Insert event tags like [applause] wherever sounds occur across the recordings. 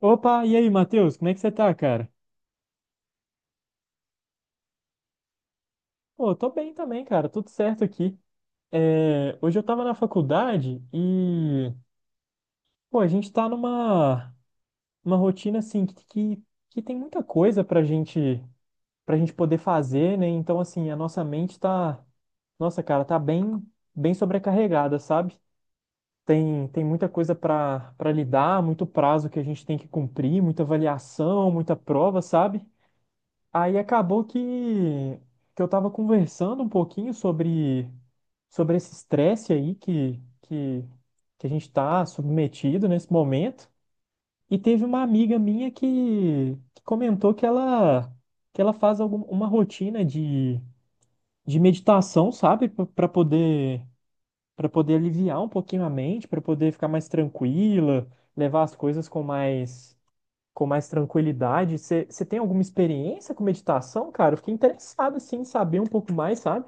Opa, e aí, Matheus, como é que você tá, cara? Pô, tô bem também, cara, tudo certo aqui. É, hoje eu tava na faculdade e, pô, a gente tá numa uma rotina, assim, que tem muita coisa pra gente poder fazer, né? Então, assim, a nossa mente tá, nossa, cara, tá bem, bem sobrecarregada, sabe? Tem muita coisa pra lidar, muito prazo que a gente tem que cumprir, muita avaliação, muita prova, sabe? Aí acabou que eu tava conversando um pouquinho sobre esse estresse aí que a gente tá submetido nesse momento. E teve uma amiga minha que comentou que ela faz uma rotina de meditação, sabe? Para poder aliviar um pouquinho a mente, para poder ficar mais tranquila, levar as coisas com mais tranquilidade. Você tem alguma experiência com meditação, cara? Eu fiquei interessado, assim, em saber um pouco mais, sabe?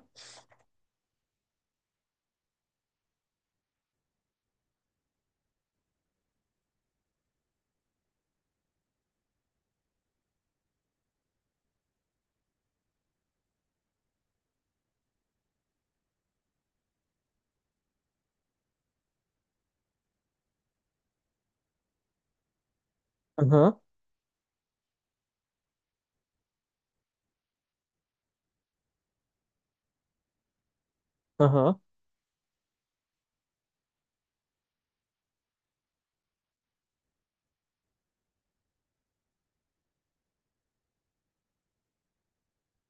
Aham, aham,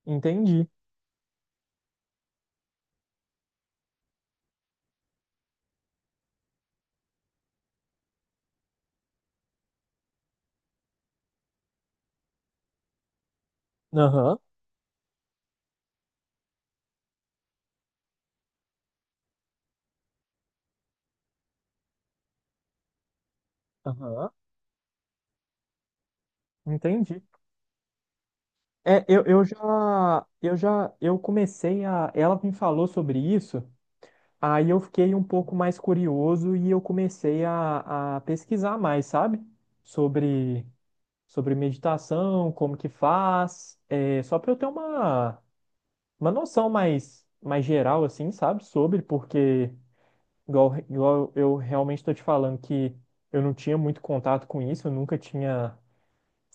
entendi. Aham, aham, entendi. Ela me falou sobre isso, aí eu fiquei um pouco mais curioso e eu comecei a pesquisar mais, sabe? Sobre, sobre meditação, como que faz, é, só para eu ter uma noção mais geral, assim, sabe? Porque, igual eu realmente estou te falando que eu não tinha muito contato com isso, eu nunca tinha,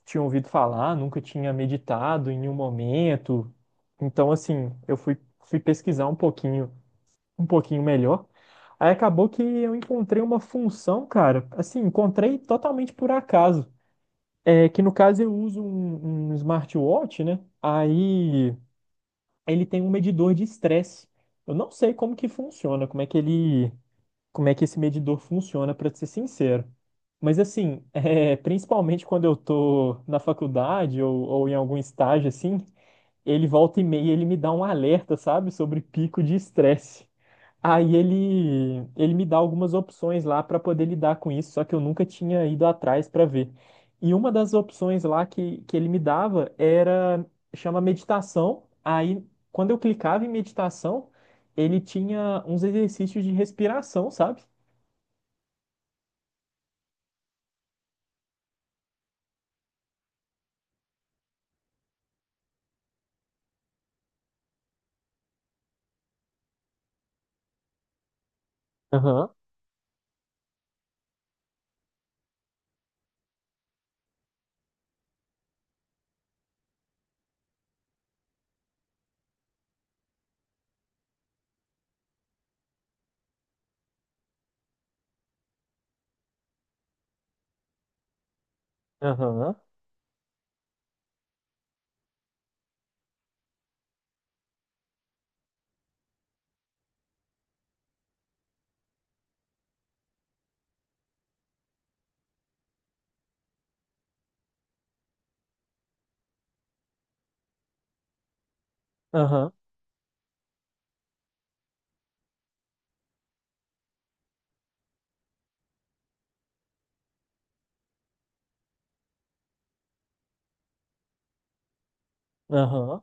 tinha ouvido falar, nunca tinha meditado em nenhum momento. Então, assim, eu fui pesquisar um pouquinho melhor. Aí acabou que eu encontrei uma função, cara, assim, encontrei totalmente por acaso. É que no caso eu uso um smartwatch, né? Aí ele tem um medidor de estresse. Eu não sei como que funciona, como é que esse medidor funciona, para ser sincero. Mas assim, [laughs] principalmente quando eu tô na faculdade ou em algum estágio assim, ele volta e meia, ele, me dá um alerta, sabe, sobre pico de estresse. Aí ele me dá algumas opções lá para poder lidar com isso, só que eu nunca tinha ido atrás para ver. E uma das opções lá que ele me dava era, chama meditação. Aí, quando eu clicava em meditação, ele tinha uns exercícios de respiração, sabe? Aham, aham, aham, aham.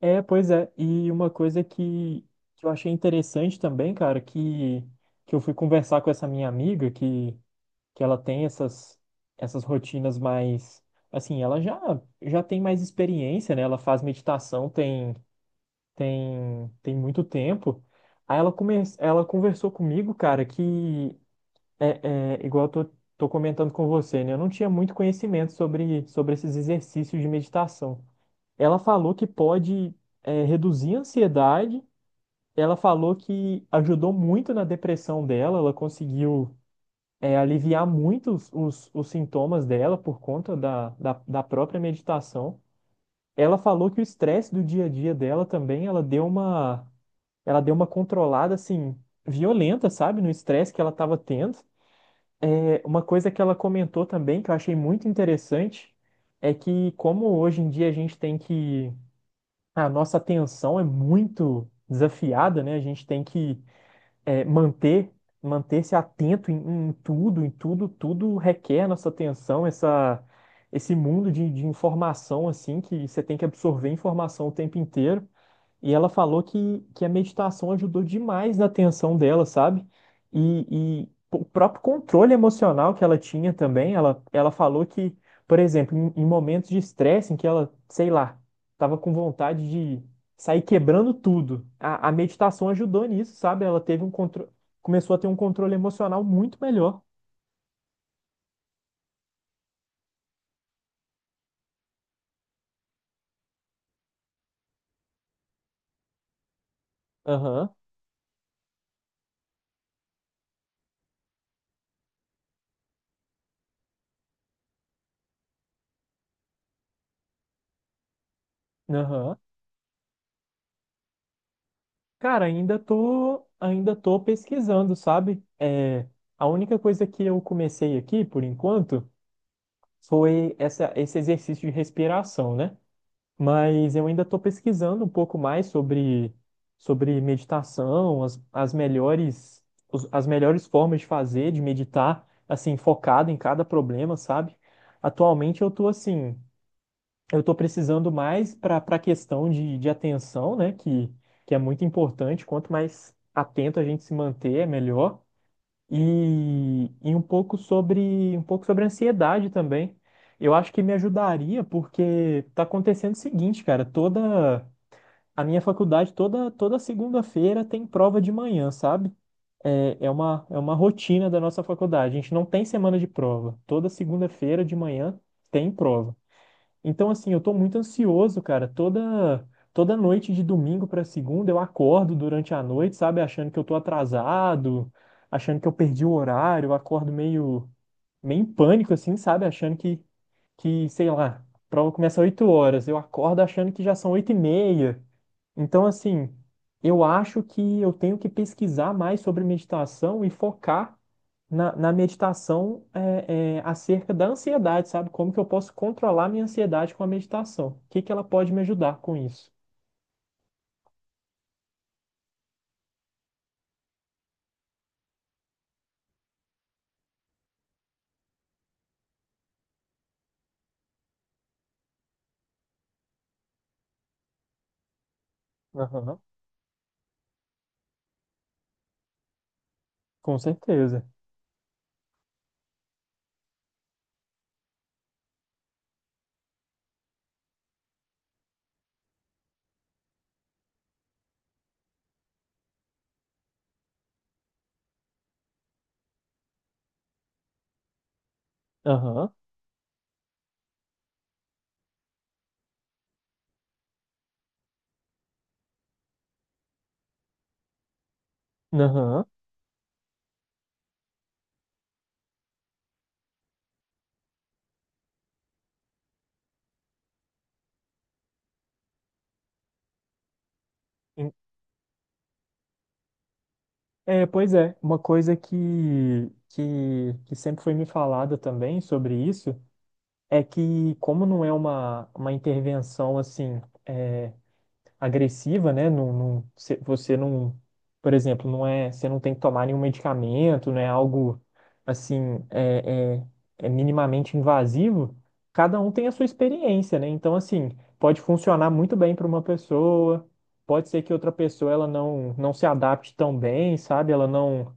É, pois é. E uma coisa que eu achei interessante também, cara, que eu fui conversar com essa minha amiga, que ela tem essas rotinas mais assim, ela já tem mais experiência, né? Ela faz meditação tem muito tempo. Aí ela ela conversou comigo, cara, que é igual eu tô comentando com você, né? Eu não tinha muito conhecimento sobre esses exercícios de meditação. Ela falou que pode reduzir a ansiedade. Ela falou que ajudou muito na depressão dela, ela conseguiu aliviar muito os sintomas dela por conta da própria meditação. Ela falou que o estresse do dia a dia dela também, ela deu uma controlada assim violenta, sabe, no estresse que ela estava tendo. É, uma coisa que ela comentou também que eu achei muito interessante é que como hoje em dia a gente tem que a nossa atenção é muito desafiada, né? A gente tem que é, manter manter-se atento em tudo, em tudo, tudo requer nossa atenção, essa esse mundo de informação assim que você tem que absorver informação o tempo inteiro. E ela falou que a meditação ajudou demais na atenção dela, sabe? E o próprio controle emocional que ela tinha também. Ela falou que, por exemplo, em momentos de estresse, em que ela, sei lá, estava com vontade de sair quebrando tudo, a meditação ajudou nisso, sabe? Ela teve um controle, começou a ter um controle emocional muito melhor. Aham, aham. Cara, ainda tô pesquisando, sabe? É, a única coisa que eu comecei aqui, por enquanto, foi esse exercício de respiração, né? Mas eu ainda estou pesquisando um pouco mais sobre meditação, as melhores, as melhores formas de fazer, de meditar, assim, focado em cada problema, sabe? Atualmente eu estou assim, eu estou precisando mais para para a questão de atenção, né? Que é muito importante, quanto mais atento a gente se manter, é melhor e um pouco sobre ansiedade também. Eu acho que me ajudaria porque tá acontecendo o seguinte, cara, toda a minha faculdade toda segunda-feira tem prova de manhã, sabe? É uma rotina da nossa faculdade. A gente não tem semana de prova. Toda segunda-feira de manhã tem prova. Então, assim, eu tô muito ansioso, cara. Toda noite de domingo pra segunda eu acordo durante a noite, sabe, achando que eu tô atrasado, achando que eu perdi o horário, eu acordo meio em pânico assim, sabe, achando que, sei lá, a prova começa às 8 horas, eu acordo achando que já são 8h30. Então, assim, eu acho que eu tenho que pesquisar mais sobre meditação e focar na meditação acerca da ansiedade, sabe? Como que eu posso controlar minha ansiedade com a meditação? O que que ela pode me ajudar com isso? Aham, com certeza. Aham, aham. En- É, pois é, uma coisa que sempre foi me falada também sobre isso é que, como não é uma intervenção assim, é, agressiva, né? Não, não, você não, por exemplo, não é, você não tem que tomar nenhum medicamento, não é algo assim, é minimamente invasivo. Cada um tem a sua experiência, né? Então, assim, pode funcionar muito bem para uma pessoa, pode ser que outra pessoa ela não se adapte tão bem, sabe? Ela não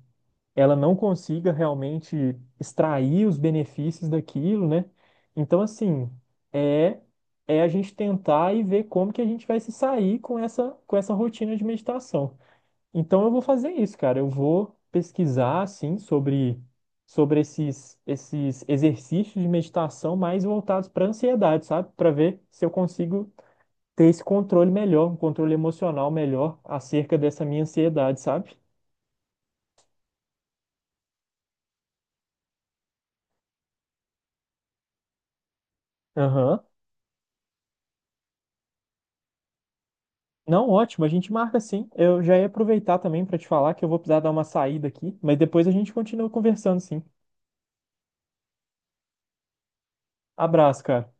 ela não consiga realmente extrair os benefícios daquilo, né? Então, assim, é é a gente tentar e ver como que a gente vai se sair com essa rotina de meditação. Então, eu vou fazer isso, cara. Eu vou pesquisar assim sobre esses exercícios de meditação mais voltados para ansiedade, sabe? Para ver se eu consigo ter esse controle melhor, um controle emocional melhor acerca dessa minha ansiedade, sabe? Aham. Não, ótimo, a gente marca sim. Eu já ia aproveitar também para te falar que eu vou precisar dar uma saída aqui, mas depois a gente continua conversando sim. Abraço, cara.